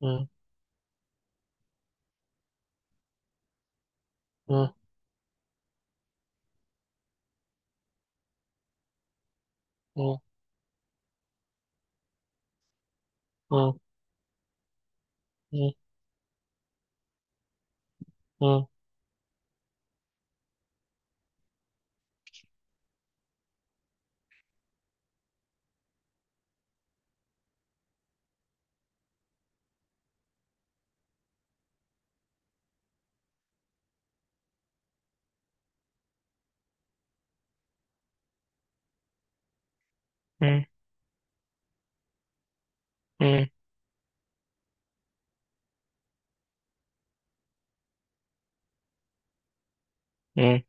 مم. مم. مم. مم. مم. مم. مم. مم.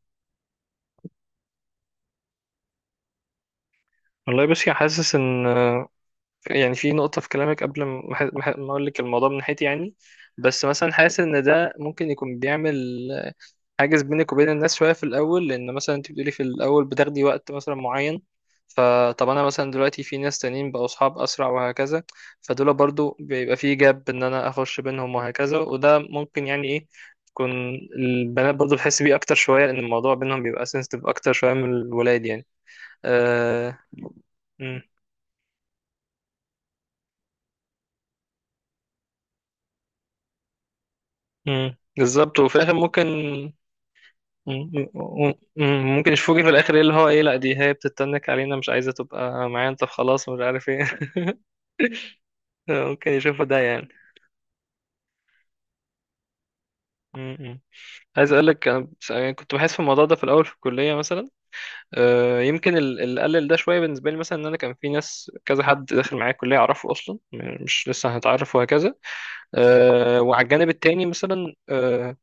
والله بصي حاسس ان يعني في نقطة في كلامك قبل ما اقول لك الموضوع من ناحيتي يعني. بس مثلا حاسس ان ده ممكن يكون بيعمل حاجز بينك وبين الناس شوية في الأول، لأن مثلا أنت بتقولي في الأول بتاخدي وقت مثلا معين. فطب أنا مثلا دلوقتي في ناس تانيين بقوا أصحاب أسرع وهكذا، فدول برضو بيبقى في جاب إن أنا أخش بينهم وهكذا، وده ممكن يعني إيه تكون البنات برضو بتحس بيه أكتر شوية، لأن الموضوع بينهم بيبقى سنسيتيف أكتر شوية من الولاد يعني. أه... مم. مم. بالظبط. وفي الآخر ممكن مم. مم. ممكن يشوفوكي في الآخر إيه اللي هو إيه، لأ دي هي بتتنك علينا، مش عايزة تبقى معايا، أنت خلاص، مش عارف إيه. ممكن يشوفوا ده يعني. م- م. عايز اقول لك انا، يعني كنت بحس في الموضوع ده في الاول في الكليه مثلا. يمكن اللي قلل ده شويه بالنسبه لي مثلا ان انا كان في ناس، كذا حد داخل معايا الكليه اعرفه اصلا، مش لسه هنتعرف وهكذا. وعلى الجانب التاني مثلا،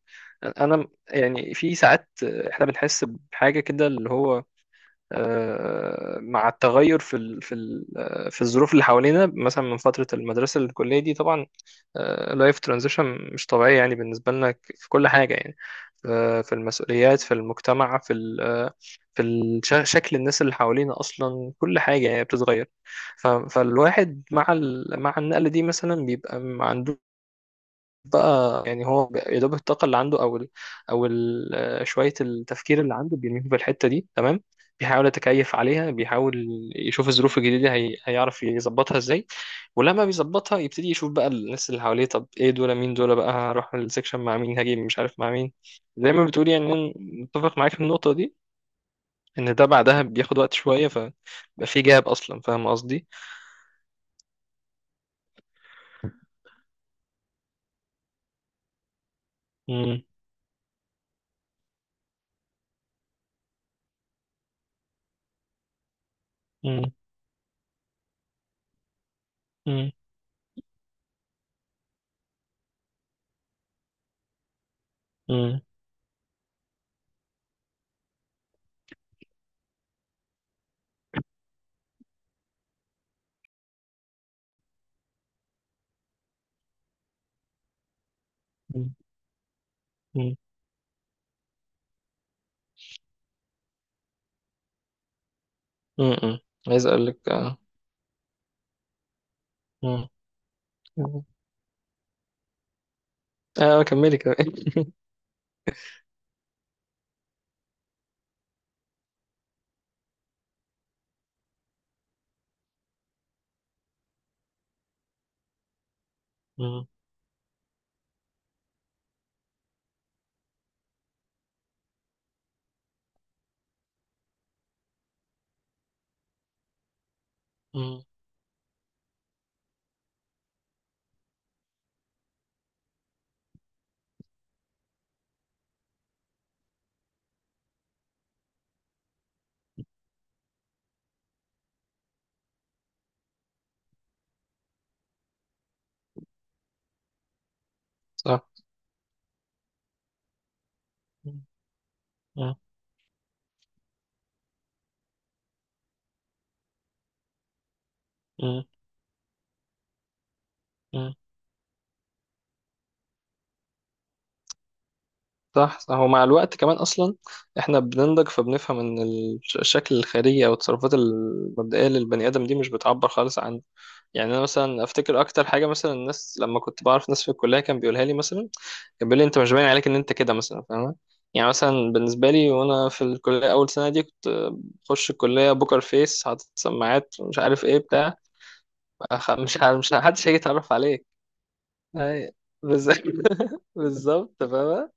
انا يعني في ساعات احنا بنحس بحاجه كده اللي هو، مع التغير في ال في ال آه، في الظروف اللي حوالينا مثلا من فترة المدرسة للكلية. دي طبعا لايف ترانزيشن مش طبيعية يعني بالنسبة لنا، في كل حاجة يعني. في المسؤوليات، في المجتمع، في ال آه، في شكل الناس اللي حوالينا أصلا. كل حاجة يعني بتتغير. فالواحد مع مع النقلة دي مثلا بيبقى ما عندوش بقى يعني، هو يا دوب الطاقة اللي عنده أو ال أو ال آه، شوية التفكير اللي عنده بيرميه في الحتة دي، تمام. بيحاول يتكيف عليها، بيحاول يشوف الظروف الجديدة هي هيعرف يظبطها ازاي، ولما بيظبطها يبتدي يشوف بقى الناس اللي حواليه، طب ايه دول؟ مين دول بقى؟ هروح السكشن مع مين؟ هاجي مش عارف مع مين؟ زي ما بتقولي يعني. أنا متفق معاك في النقطة دي، ان ده بعدها بياخد وقت شوية، فبقى في جاب اصلا، فاهم قصدي. مم، مم، مم، مم، مم، مم، مم. عايز اقول لك آه، مم. اه كملي كمان. مم. مم. صح. مم. مم. مم. مم. صح صح. ومع الوقت كمان اصلا احنا بننضج، فبنفهم ان الشكل الخارجي او التصرفات المبدئيه للبني ادم دي مش بتعبر خالص عن، يعني انا مثلا افتكر اكتر حاجه مثلا الناس لما كنت بعرف ناس في الكليه كان بيقولها لي مثلا، كان بيقول لي انت مش باين عليك ان انت كده مثلا، فاهم؟ يعني مثلا بالنسبه لي وانا في الكليه اول سنه دي، كنت بخش الكليه بوكر فيس، حاطط سماعات، مش عارف ايه بتاع. خ- مش ه- مش ه- محدش هيجي يتعرف عليك. أي- بز- بالظبط فاهمة.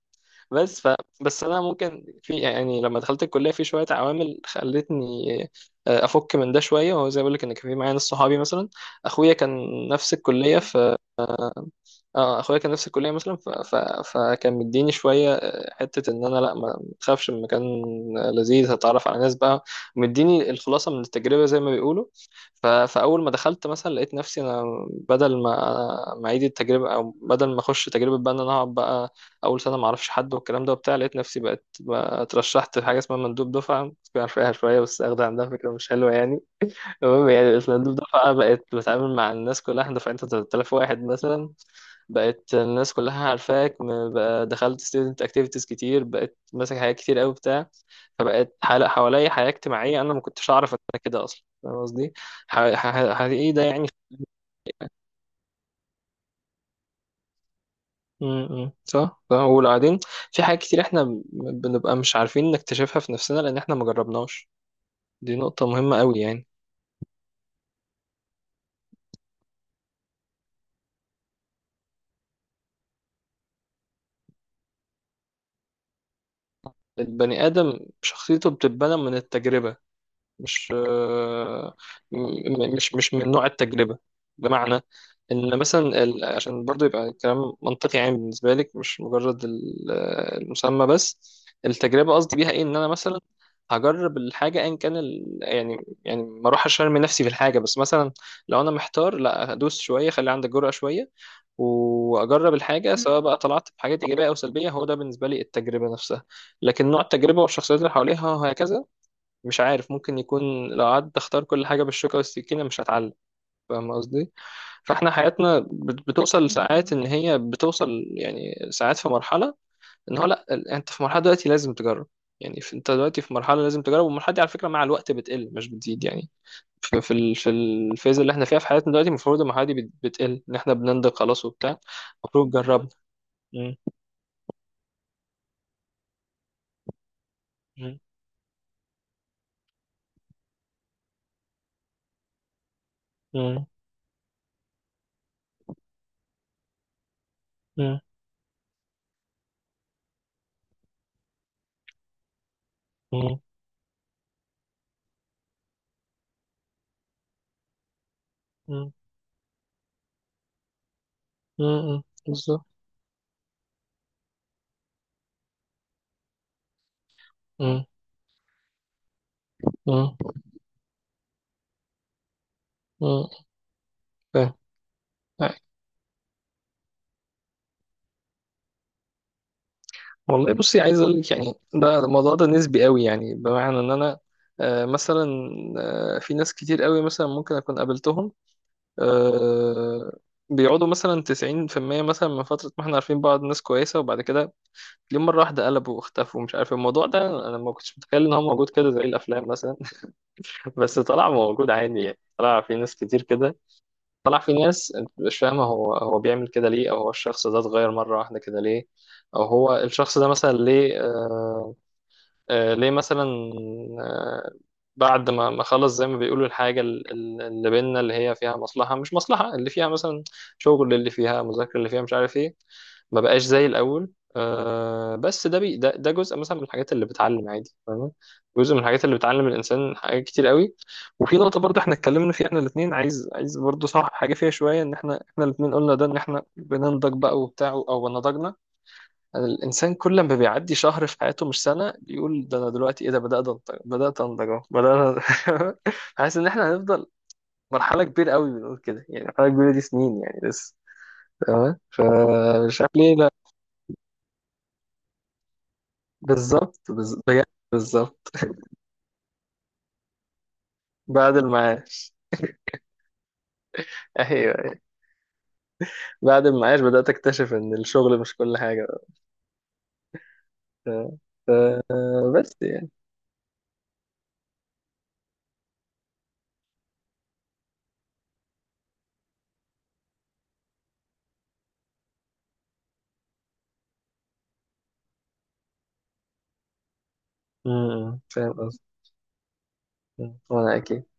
بس ف بس أنا ممكن في يعني، لما دخلت الكلية في شوية عوامل خلتني أفك من ده شوية، وهو زي ما بقول لك إن كان في معايا ناس صحابي مثلا. أخويا كان نفس الكلية في، اه اخويا كان نفس الكليه مثلا، فكان مديني شويه حته ان انا لا، ما تخافش، المكان لذيذ، هتعرف على ناس بقى. مديني الخلاصه من التجربه زي ما بيقولوا. فاول ما دخلت مثلا لقيت نفسي انا، بدل ما اعيد التجربه، او بدل ما اخش تجربه بقى، ان انا اقعد بقى اول سنه ما اعرفش حد والكلام ده وبتاع، لقيت نفسي بقت بقى اترشحت في حاجه اسمها مندوب دفعه، مش عارف ايه شويه، بس اخد عندها فكره مش حلوه يعني. المهم، يعني الأسلانديب دفعة بقت بتعامل مع الناس كلها، احنا دفعتنا 3000 واحد مثلا. بقت الناس كلها عارفاك، بقى دخلت student activities كتير، بقت ماسك حاجات كتير قوي بتاع. فبقت حواليا حياة اجتماعية، أنا ما كنتش أعرف إن أنا كده أصلا، فاهم قصدي؟ إيه ده يعني؟ م- م. صح صح. وبعدين في حاجات كتير احنا بنبقى مش عارفين نكتشفها في نفسنا لأن احنا ما جربناش. دي نقطة مهمة قوي يعني. البني آدم شخصيته بتتبنى من التجربة، مش آه، م- مش مش من نوع التجربة. بمعنى إن مثلا عشان برضو يبقى الكلام منطقي عام بالنسبة لك، مش مجرد المسمى بس. التجربة قصدي بيها إيه؟ إن أنا مثلا هجرب الحاجة أيا كان يعني، ما أروح أشرمي نفسي في الحاجة، بس مثلا لو أنا محتار لا، هدوس شوية، خلي عندك جرأة شوية واجرب الحاجه، سواء بقى طلعت بحاجات ايجابيه او سلبيه، هو ده بالنسبه لي التجربه نفسها. لكن نوع التجربه والشخصيات اللي حواليها وهكذا مش عارف، ممكن يكون لو قعدت اختار كل حاجة بالشوكة والسكينة مش هتعلم، فاهم قصدي. فاحنا حياتنا بتوصل ساعات، ان هي بتوصل يعني ساعات في مرحلة ان هو لا، انت في مرحلة دلوقتي لازم تجرب. يعني انت دلوقتي في مرحلة لازم تجرب، والمرحلة دي على فكرة مع الوقت بتقل مش بتزيد يعني. في في الفيز اللي احنا فيها في حياتنا دلوقتي، المفروض المرحلة دي بتقل ان احنا بننضج خلاص وبتاع. المفروض جربنا. م- م- م- م- م- م- م- بالظبط. م- م- م- فاهم. والله بصي عايز اقول لك يعني، ده الموضوع ده نسبي قوي، يعني بمعنى ان انا مثلا في ناس كتير قوي مثلا ممكن اكون قابلتهم، آه، بيقعدوا مثلا 90% مثلا من فترة ما احنا عارفين بعض، ناس كويسة، وبعد كده ليه مرة واحدة قلبوا واختفوا، مش عارف إيه. الموضوع ده انا ما كنتش متخيل ان هو موجود كده زي الافلام مثلا. بس طلع موجود عادي يعني، طلع في ناس كتير كده، طلع في ناس انت مش فاهمة هو بيعمل كده ليه، او هو الشخص ده اتغير مرة واحدة كده ليه، او هو الشخص ده مثلا ليه، ليه مثلا، آه، بعد ما خلص زي ما بيقولوا الحاجة اللي بينا، اللي هي فيها مصلحة مش مصلحة، اللي فيها مثلا شغل، اللي فيها مذاكرة، اللي فيها مش عارف ايه، ما بقاش زي الأول. بس ده ده جزء مثلا من الحاجات اللي بتعلم عادي، فاهم. جزء من الحاجات اللي بتعلم الإنسان حاجات كتير قوي. وفي نقطة برضه احنا اتكلمنا فيها احنا الاتنين، عايز برضه، صح حاجة فيها شوية ان احنا الاتنين قلنا ده، ان احنا بننضج بقى وبتاع او نضجنا. الإنسان كل ما بيعدي شهر في حياته مش سنة، يقول ده، أنا دلوقتي إيه ده؟ بدأت أنضج، بدأت أنضج، أهو بدأنا. حاسس إن إحنا هنفضل مرحلة كبيرة قوي بنقول كده، يعني مرحلة كبيرة دي سنين يعني لسه، تمام. فمش عارف ليه لا. بالظبط، بجد، بالظبط. بعد المعاش. أيوه أيوه. بعد المعاش بدأت أكتشف إن الشغل مش كل حاجة. ف... ف... بس يعني فاهم قصدي. مم. وأنا أكيد.